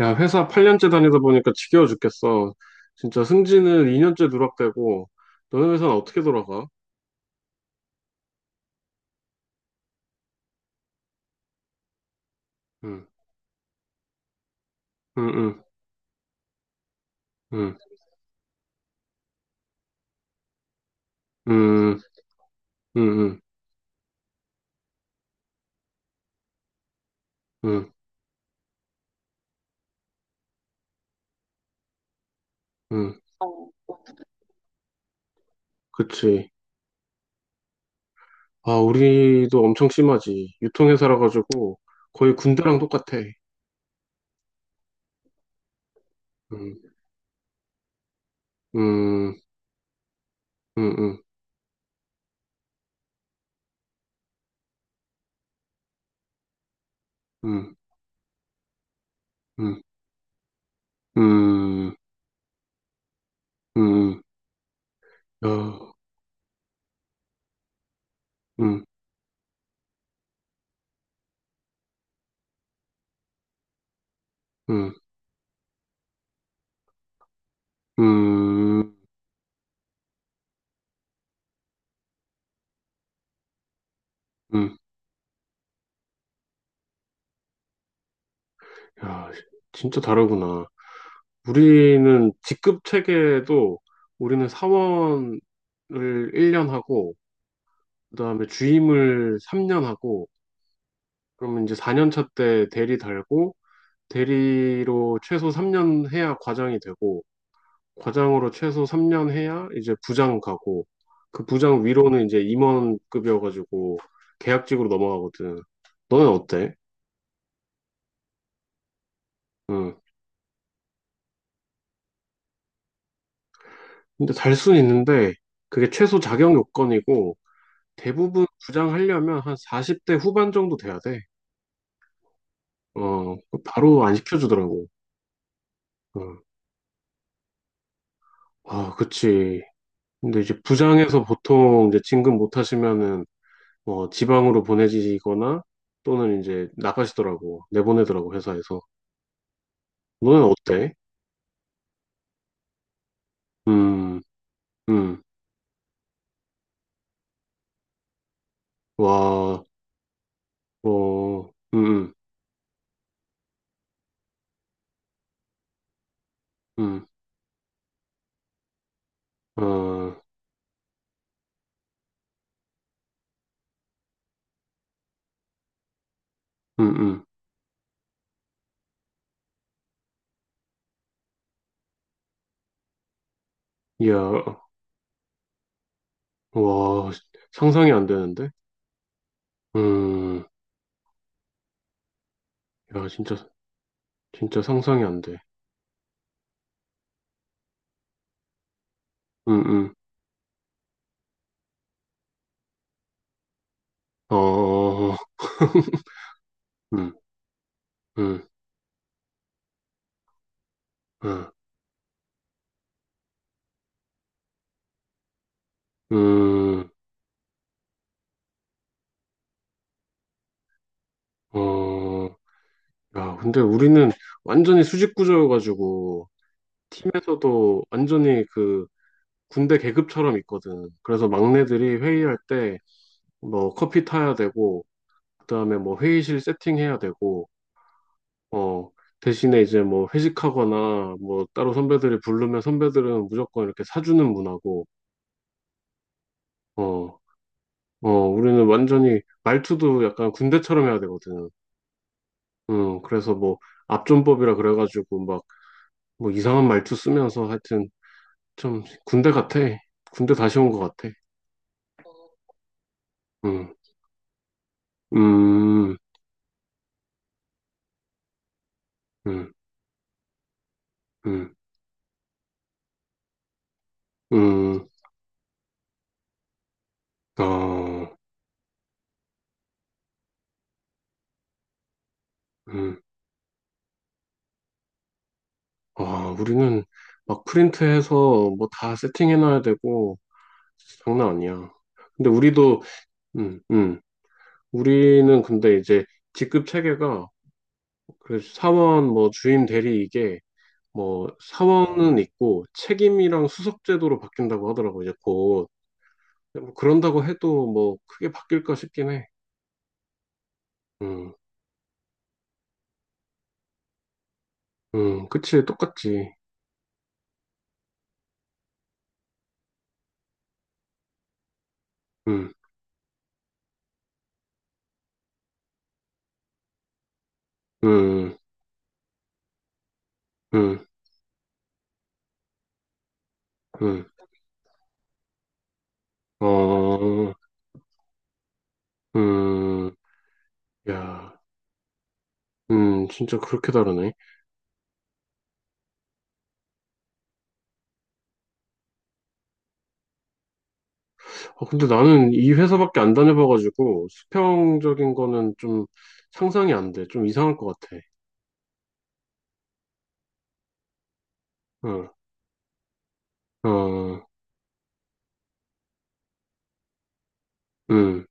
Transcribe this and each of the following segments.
야, 회사 8년째 다니다 보니까 지겨워 죽겠어. 진짜 승진은 2년째 누락되고, 너네 회사는 어떻게 돌아가? 응, 응, 응, 응, 응, 응, 응, 응, 응. 그치. 아, 우리도 엄청 심하지. 유통회사라 가지고 거의 군대랑 똑같아. 응, 응, 응, 응, 응, 응, 응, 응, 응. 야, 응, 응, 응, 응, 야, 진짜 다르구나. 우리는 직급 체계도 우리는 사원을 1년 하고, 그다음에 주임을 3년 하고, 그러면 이제 4년 차 때 대리 달고, 대리로 최소 3년 해야 과장이 되고, 과장으로 최소 3년 해야 이제 부장 가고, 그 부장 위로는 이제 임원급이어가지고 계약직으로 넘어가거든. 너는 어때? 응. 근데 달 순 있는데, 그게 최소 자격 요건이고, 대부분 부장하려면 한 40대 후반 정도 돼야 돼. 어, 그 바로 안 시켜주더라고. 어, 아, 그치. 근데 이제 부장에서 보통 이제 진급 못 하시면은 뭐 지방으로 보내지거나 또는 이제 나가시더라고. 내보내더라고, 회사에서. 너는 어때? 음, 음, 와, 어, 음, 어, 음, 음. 야, 와, 상상이 안 되는데? 음, 야, 진짜, 진짜 상상이 안 돼. 음, 음. 어, 음, 음, 음, 음, 어, 야, 근데 우리는 완전히 수직 구조여가지고, 팀에서도 완전히 그 군대 계급처럼 있거든. 그래서 막내들이 회의할 때, 뭐, 커피 타야 되고, 그 다음에 뭐, 회의실 세팅해야 되고, 어, 대신에 이제 뭐, 회식하거나, 뭐, 따로 선배들이 부르면 선배들은 무조건 이렇게 사주는 문화고, 어, 어, 우리는 완전히 말투도 약간 군대처럼 해야 되거든. 그래서 뭐 압존법이라 그래가지고 막 뭐 이상한 말투 쓰면서 하여튼 좀 군대 같아. 군대 다시 온 것 같아. 음, 음, 음, 음, 음, 어, 음. 아, 우리는 막 프린트해서 뭐 다 세팅해놔야 되고 장난 아니야. 근데 우리도, 음, 음, 우리는 근데 이제 직급 체계가 그 사원 뭐 주임 대리 이게 뭐 사원은 있고 책임이랑 수석 제도로 바뀐다고 하더라고 이제 곧 뭐, 그런다고 해도 뭐 크게 바뀔까 싶긴 해. 음, 그치 똑같지. 음, 음, 음, 음, 어, 음, 야, 진짜 그렇게 다르네. 어, 근데 나는 이 회사밖에 안 다녀봐가지고 수평적인 거는 좀 상상이 안 돼. 좀 이상할 것 같아. 어, 어, 음.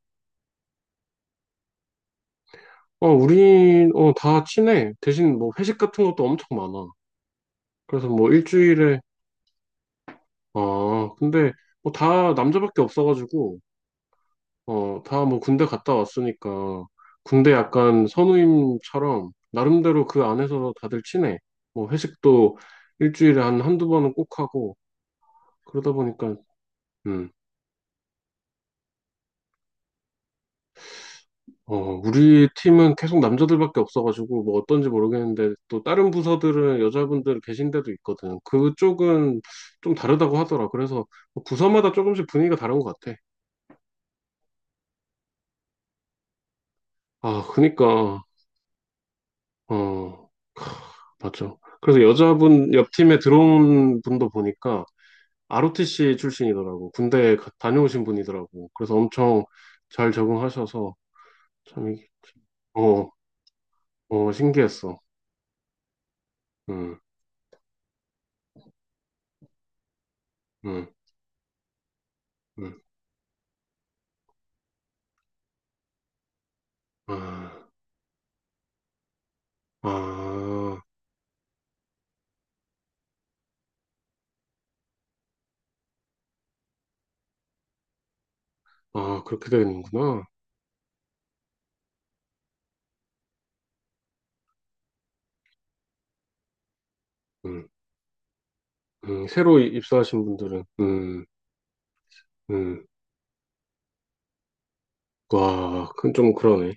어, 우린, 어, 다 친해. 대신 뭐 회식 같은 것도 엄청 많아. 그래서 뭐 일주일에, 아, 근데 뭐 다 남자밖에 없어가지고, 어, 다 뭐 군대 갔다 왔으니까, 군대 약간 선우임처럼, 나름대로 그 안에서 다들 친해. 뭐 회식도 일주일에 한 한두 번은 꼭 하고, 그러다 보니까, 음, 어, 우리 팀은 계속 남자들밖에 없어가지고, 뭐 어떤지 모르겠는데, 또 다른 부서들은 여자분들 계신 데도 있거든. 그쪽은 좀 다르다고 하더라. 그래서 뭐 부서마다 조금씩 분위기가 다른 것 같아. 아, 그니까. 어, 맞죠. 그래서 여자분 옆 팀에 들어온 분도 보니까 ROTC 출신이더라고. 다녀오신 분이더라고. 그래서 엄청 잘 적응하셔서 참 이게 어, 어 신기했어. 음, 음, 음. 아, 아, 아 그렇게 되는구나. 음, 새로 입사하신 분들은 음. 와, 그건 좀 그러네.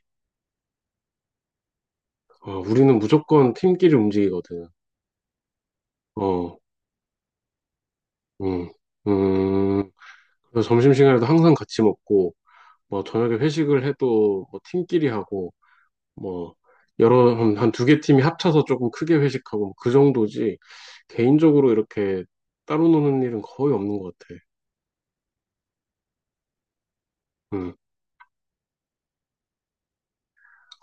아, 우리는 무조건 팀끼리 움직이거든. 어, 음, 음. 그래서 점심시간에도 항상 같이 먹고. 뭐 저녁에 회식을 해도 뭐 팀끼리 하고 뭐 여러 한 두 개 팀이 합쳐서 조금 크게 회식하고 뭐 그 정도지 개인적으로 이렇게 따로 노는 일은 거의 없는 것 같아. 음.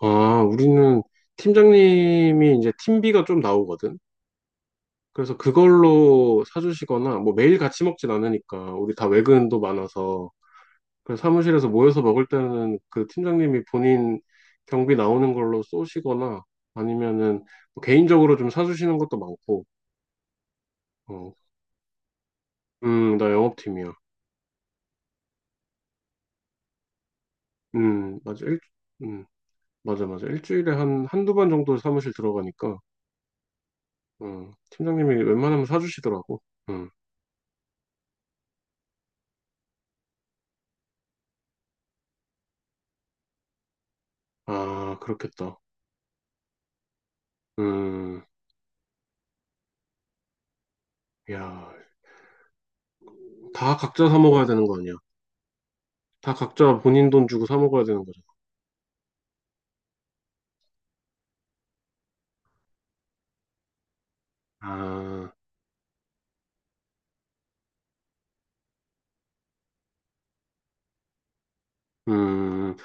아, 우리는 팀장님이 이제 팀비가 좀 나오거든. 그래서 그걸로 사주시거나 뭐 매일 같이 먹진 않으니까 우리 다 외근도 많아서 그래서 사무실에서 모여서 먹을 때는 그 팀장님이 본인 경비 나오는 걸로 쏘시거나 아니면은 뭐 개인적으로 좀 사주시는 것도 많고, 어, 나 영업팀이야. 맞아. 음, 맞아, 맞아. 일주일에 한두 번 정도 사무실 들어가니까, 팀장님이 웬만하면 사주시더라고. 음, 아, 그렇겠다. 음, 야, 다 각자 사 먹어야 되는 거 아니야? 다 각자 본인 돈 주고 사 먹어야 되는 거잖아. 아, 음,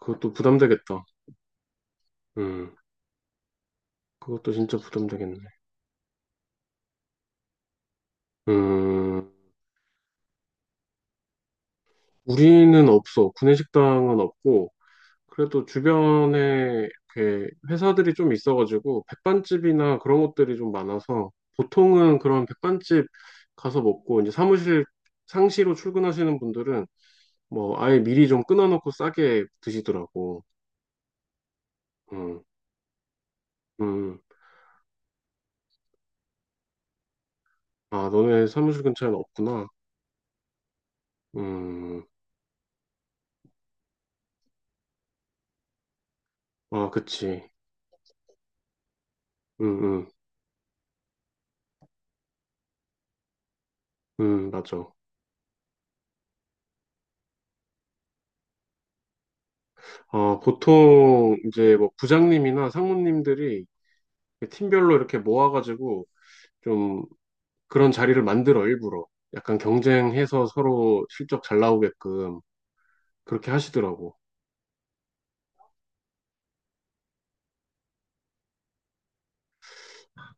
그것도 부담되겠다. 음. 그것도 진짜 부담되겠네. 음, 우리는 없어. 구내식당은 없고, 그래도 주변에 이렇게 회사들이 좀 있어가지고, 백반집이나 그런 것들이 좀 많아서, 보통은 그런 백반집 가서 먹고, 이제 사무실 상시로 출근하시는 분들은, 뭐, 아예 미리 좀 끊어놓고 싸게 드시더라고. 음, 음. 아, 너네 사무실 근처에는 없구나. 음, 아, 그치. 음, 음, 맞아. 어, 보통 이제 뭐 부장님이나 상무님들이 팀별로 이렇게 모아가지고 좀 그런 자리를 만들어 일부러 약간 경쟁해서 서로 실적 잘 나오게끔 그렇게 하시더라고.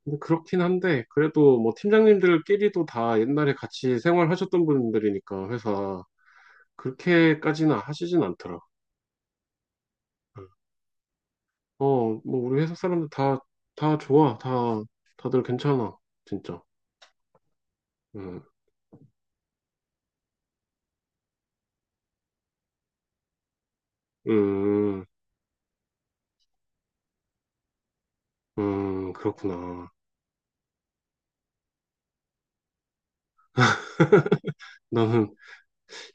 근데 그렇긴 한데 그래도 뭐 팀장님들끼리도 다 옛날에 같이 생활하셨던 분들이니까 회사 그렇게까지는 하시진 않더라. 어, 뭐 우리 회사 사람들 다 다 좋아, 다 다들 괜찮아, 진짜. 음, 음, 그렇구나. 나는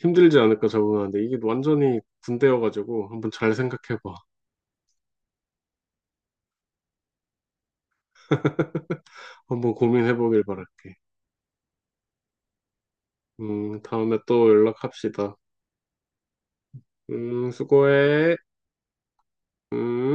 힘들지 않을까 적응하는데 이게 완전히 군대여가지고 한번 잘 생각해봐. 한번 고민해보길 바랄게. 다음에 또 연락합시다. 수고해. 음.